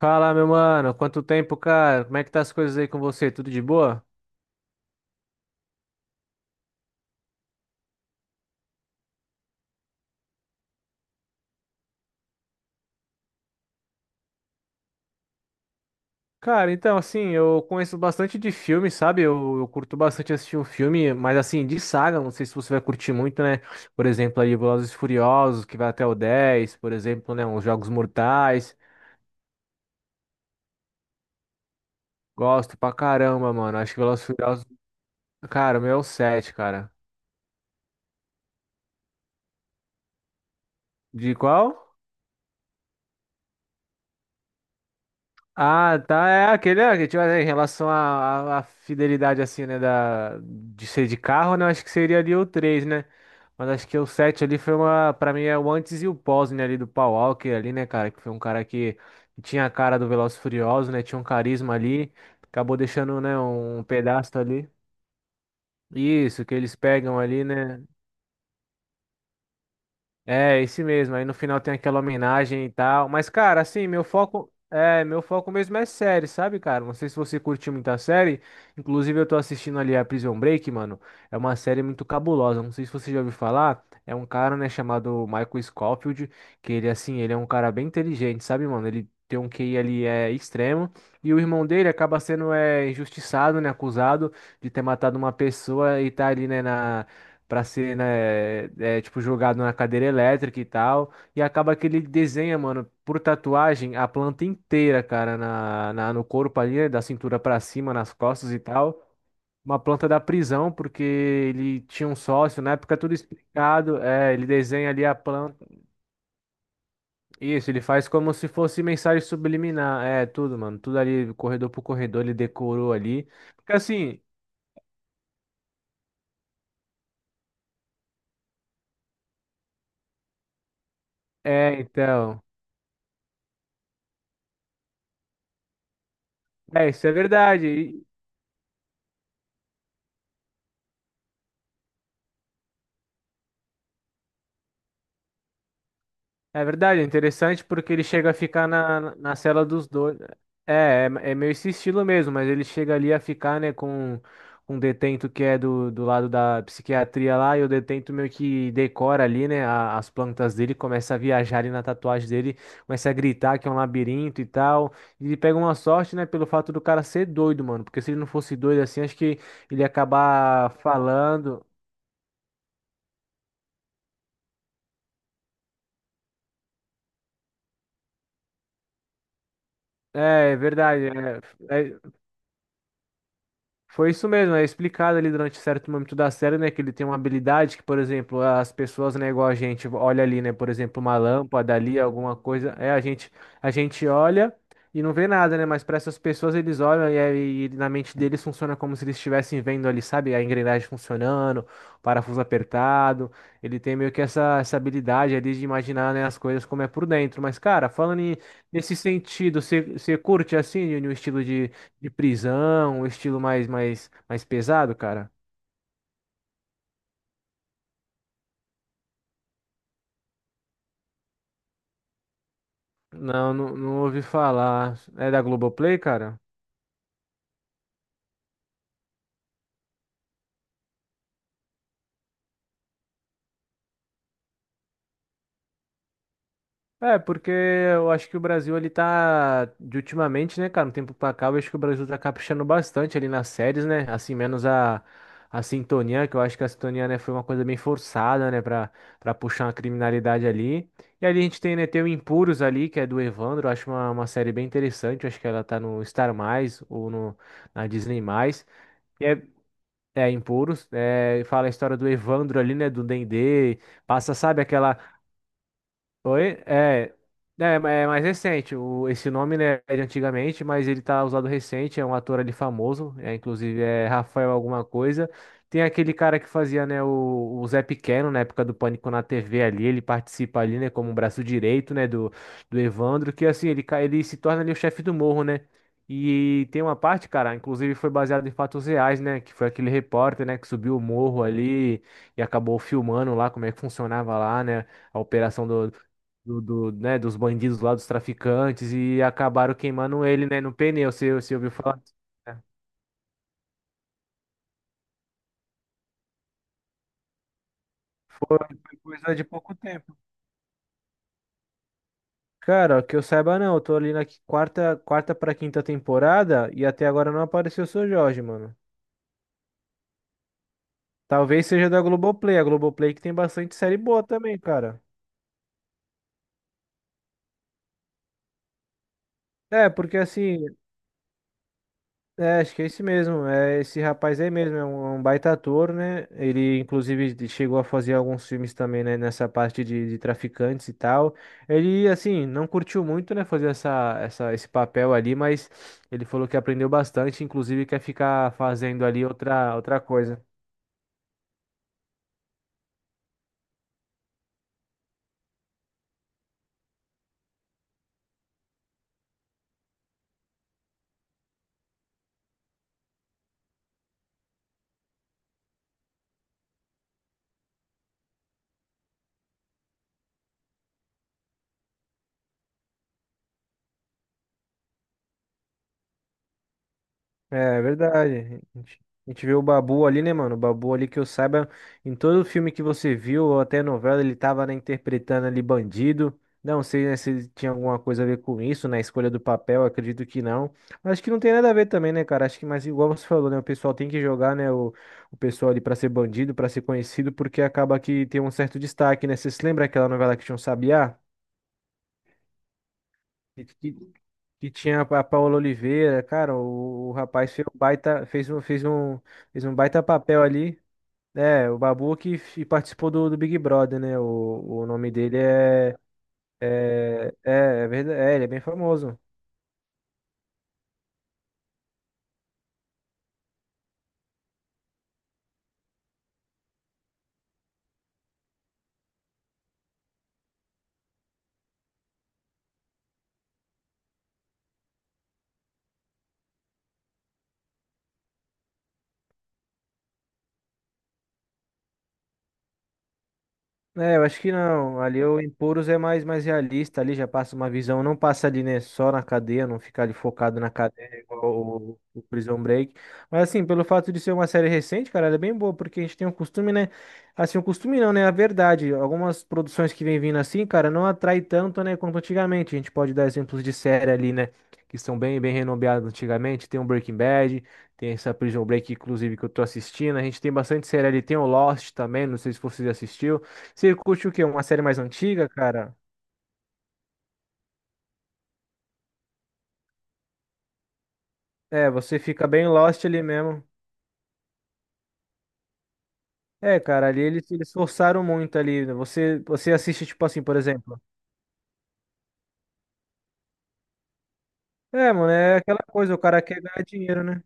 Fala, meu mano, quanto tempo, cara? Como é que tá as coisas aí com você? Tudo de boa? Cara, então, assim, eu conheço bastante de filme, sabe? Eu curto bastante assistir um filme, mas assim, de saga, não sei se você vai curtir muito, né? Por exemplo, aí Velozes e Furiosos, que vai até o 10 por exemplo, né? Os Jogos Mortais. Gosto pra caramba, mano. Acho que Velozes e Furiosos, cara, o meu é o 7, cara. De qual? Ah, tá, é aquele, é, que, tipo, é, em relação à fidelidade, assim, né, da, de ser de carro, né, eu acho que seria ali o 3, né, mas acho que o 7 ali foi uma, pra mim é o antes e o pós, né, ali do Paul Walker ali, né, cara, que foi um cara que tinha a cara do Velozes e Furiosos, né, tinha um carisma ali, acabou deixando, né, um pedaço ali, isso, que eles pegam ali, né. É, esse mesmo. Aí no final tem aquela homenagem e tal. Mas, cara, assim, meu foco. É, meu foco mesmo é série, sabe, cara? Não sei se você curtiu muita série. Inclusive, eu tô assistindo ali a Prison Break, mano. É uma série muito cabulosa. Não sei se você já ouviu falar. É um cara, né, chamado Michael Scofield, que ele, assim, ele é um cara bem inteligente, sabe, mano? Ele tem um QI ali é extremo. E o irmão dele acaba sendo é, injustiçado, né, acusado de ter matado uma pessoa e tá ali, né, na. Pra ser, né, é, é, tipo, jogado na cadeira elétrica e tal. E acaba que ele desenha, mano, por tatuagem, a planta inteira, cara, na, no corpo ali, né, da cintura pra cima, nas costas e tal. Uma planta da prisão, porque ele tinha um sócio, na época é tudo explicado. É, ele desenha ali a planta. Isso, ele faz como se fosse mensagem subliminar. É, tudo, mano, tudo ali, corredor por corredor, ele decorou ali. Porque assim, é, então. É, isso é verdade. É verdade, é interessante porque ele chega a ficar na, na cela dos dois. É, é, é meio esse estilo mesmo, mas ele chega ali a ficar, né, com um detento que é do, do lado da psiquiatria lá, e o detento meio que decora ali, né, as plantas dele, começa a viajar ali na tatuagem dele, começa a gritar que é um labirinto e tal. E ele pega uma sorte, né, pelo fato do cara ser doido, mano, porque se ele não fosse doido assim, acho que ele ia acabar falando. É, é verdade. É- Foi isso mesmo, é explicado ali durante certo momento da série, né, que ele tem uma habilidade que, por exemplo, as pessoas, né, igual a gente olha ali, né, por exemplo, uma lâmpada ali, alguma coisa, é a gente olha e não vê nada, né, mas para essas pessoas eles olham e, aí na mente deles funciona como se eles estivessem vendo ali, sabe, a engrenagem funcionando, o parafuso apertado. Ele tem meio que essa habilidade ali de imaginar, né, as coisas como é por dentro. Mas cara, falando em, nesse sentido, você curte assim, no estilo de prisão, um estilo mais, mais, mais pesado, cara? Não, não, não ouvi falar. É da Globoplay, cara? É, porque eu acho que o Brasil, ele tá, de ultimamente, né, cara, um tempo pra cá, eu acho que o Brasil tá caprichando bastante ali nas séries, né, assim, menos a sintonia, que eu acho que a sintonia, né, foi uma coisa bem forçada, né, pra, pra puxar uma criminalidade ali. E ali a gente tem, né, tem o Impuros ali, que é do Evandro, eu acho uma série bem interessante, eu acho que ela tá no Star+, mais ou no, na Disney+. Mais. É, Impuros, é, fala a história do Evandro ali, né, do Dendê, passa, sabe, aquela. Oi? É, é, é mais recente. O, esse nome, né, é de antigamente, mas ele tá usado recente. É um ator ali famoso. É, inclusive é Rafael alguma coisa. Tem aquele cara que fazia, né, o Zé Pequeno na época do Pânico na TV ali. Ele participa ali, né, como um braço direito, né, do, do Evandro. Que assim, ele, ele se torna ali o chefe do morro, né? E tem uma parte, cara, inclusive foi baseado em fatos reais, né? Que foi aquele repórter, né, que subiu o morro ali e acabou filmando lá como é que funcionava lá, né? A operação do, do, do, né, dos bandidos lá, dos traficantes, e acabaram queimando ele, né, no pneu, você ouviu falar? Disso, né? Foi coisa de pouco tempo. Cara, que eu saiba não, eu tô ali na quarta pra quinta temporada e até agora não apareceu o Seu Jorge, mano. Talvez seja da Globoplay, a Globoplay que tem bastante série boa também, cara. É, porque assim, é, acho que é esse mesmo. É esse rapaz aí mesmo, é um baita ator, né? Ele, inclusive, chegou a fazer alguns filmes também, né? Nessa parte de traficantes e tal. Ele, assim, não curtiu muito, né? Fazer essa, essa, esse papel ali, mas ele falou que aprendeu bastante, inclusive quer ficar fazendo ali outra, outra coisa. É é verdade. A gente vê o Babu ali, né, mano? O Babu ali que eu saiba, em todo filme que você viu, ou até novela, ele tava, né, interpretando ali bandido. Não sei, né, se ele tinha alguma coisa a ver com isso, na escolha do papel, acredito que não. Mas acho que não tem nada a ver também, né, cara? Acho que, mas igual você falou, né, o pessoal tem que jogar, né, o pessoal ali pra ser bandido, pra ser conhecido, porque acaba que tem um certo destaque, né? Você se lembra aquela novela que tinha um Sabiá? E tinha a Paola Oliveira, cara, o rapaz fez um baita, fez um, fez um, fez um baita papel ali. É, o Babu que participou do, do Big Brother, né? O nome dele é, é, é, é verdade, é, ele é bem famoso. É, eu acho que não. Ali o Empuros é mais, mais realista, ali já passa uma visão, não passa ali, né, só na cadeia, não fica ali focado na cadeia igual o Prison Break. Mas assim, pelo fato de ser uma série recente, cara, ela é bem boa, porque a gente tem um costume, né, assim, um costume não, né, a verdade, algumas produções que vem vindo assim, cara, não atrai tanto, né, quanto antigamente. A gente pode dar exemplos de série ali, né, que são bem, bem renomeadas antigamente, tem o Breaking Bad, tem essa Prison Break, inclusive, que eu tô assistindo, a gente tem bastante série ali, tem o Lost também, não sei se vocês assistiram você curte o quê? Uma série mais antiga, cara? É, você fica bem lost ali mesmo. É, cara, ali eles, eles forçaram muito ali. Né? Você, você assiste, tipo assim, por exemplo. É, mano, é aquela coisa, o cara quer ganhar dinheiro, né?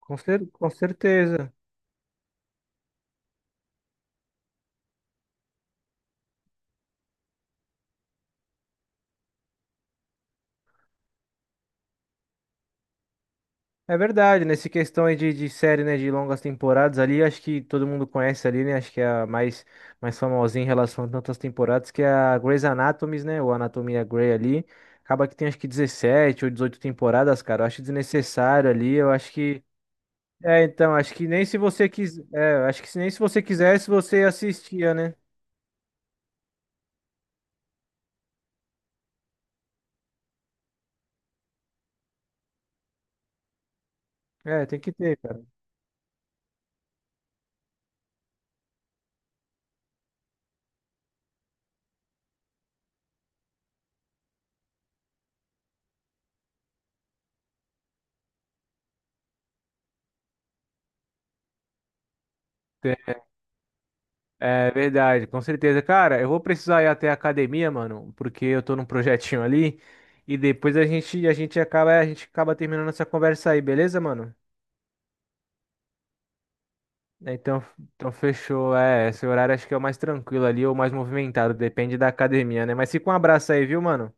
Com, cer com certeza. É verdade, nessa questão aí de série, né, de longas temporadas ali, acho que todo mundo conhece ali, né? Acho que é a mais, mais famosinha em relação a tantas temporadas, que é a Grey's Anatomy, né? Ou Anatomia Grey ali. Acaba que tem acho que 17 ou 18 temporadas, cara. Eu acho desnecessário ali, eu acho que. É, então, acho que nem se você quiser. É, acho que nem se você quisesse, você assistia, né? É, tem que ter, cara. Tem- É verdade, com certeza. Cara, eu vou precisar ir até a academia, mano, porque eu tô num projetinho ali. E depois a gente acaba terminando essa conversa aí, beleza, mano? É, Então, então fechou. É, esse horário acho que é o mais tranquilo ali, ou mais movimentado, depende da academia, né? Mas fica um abraço aí, viu, mano?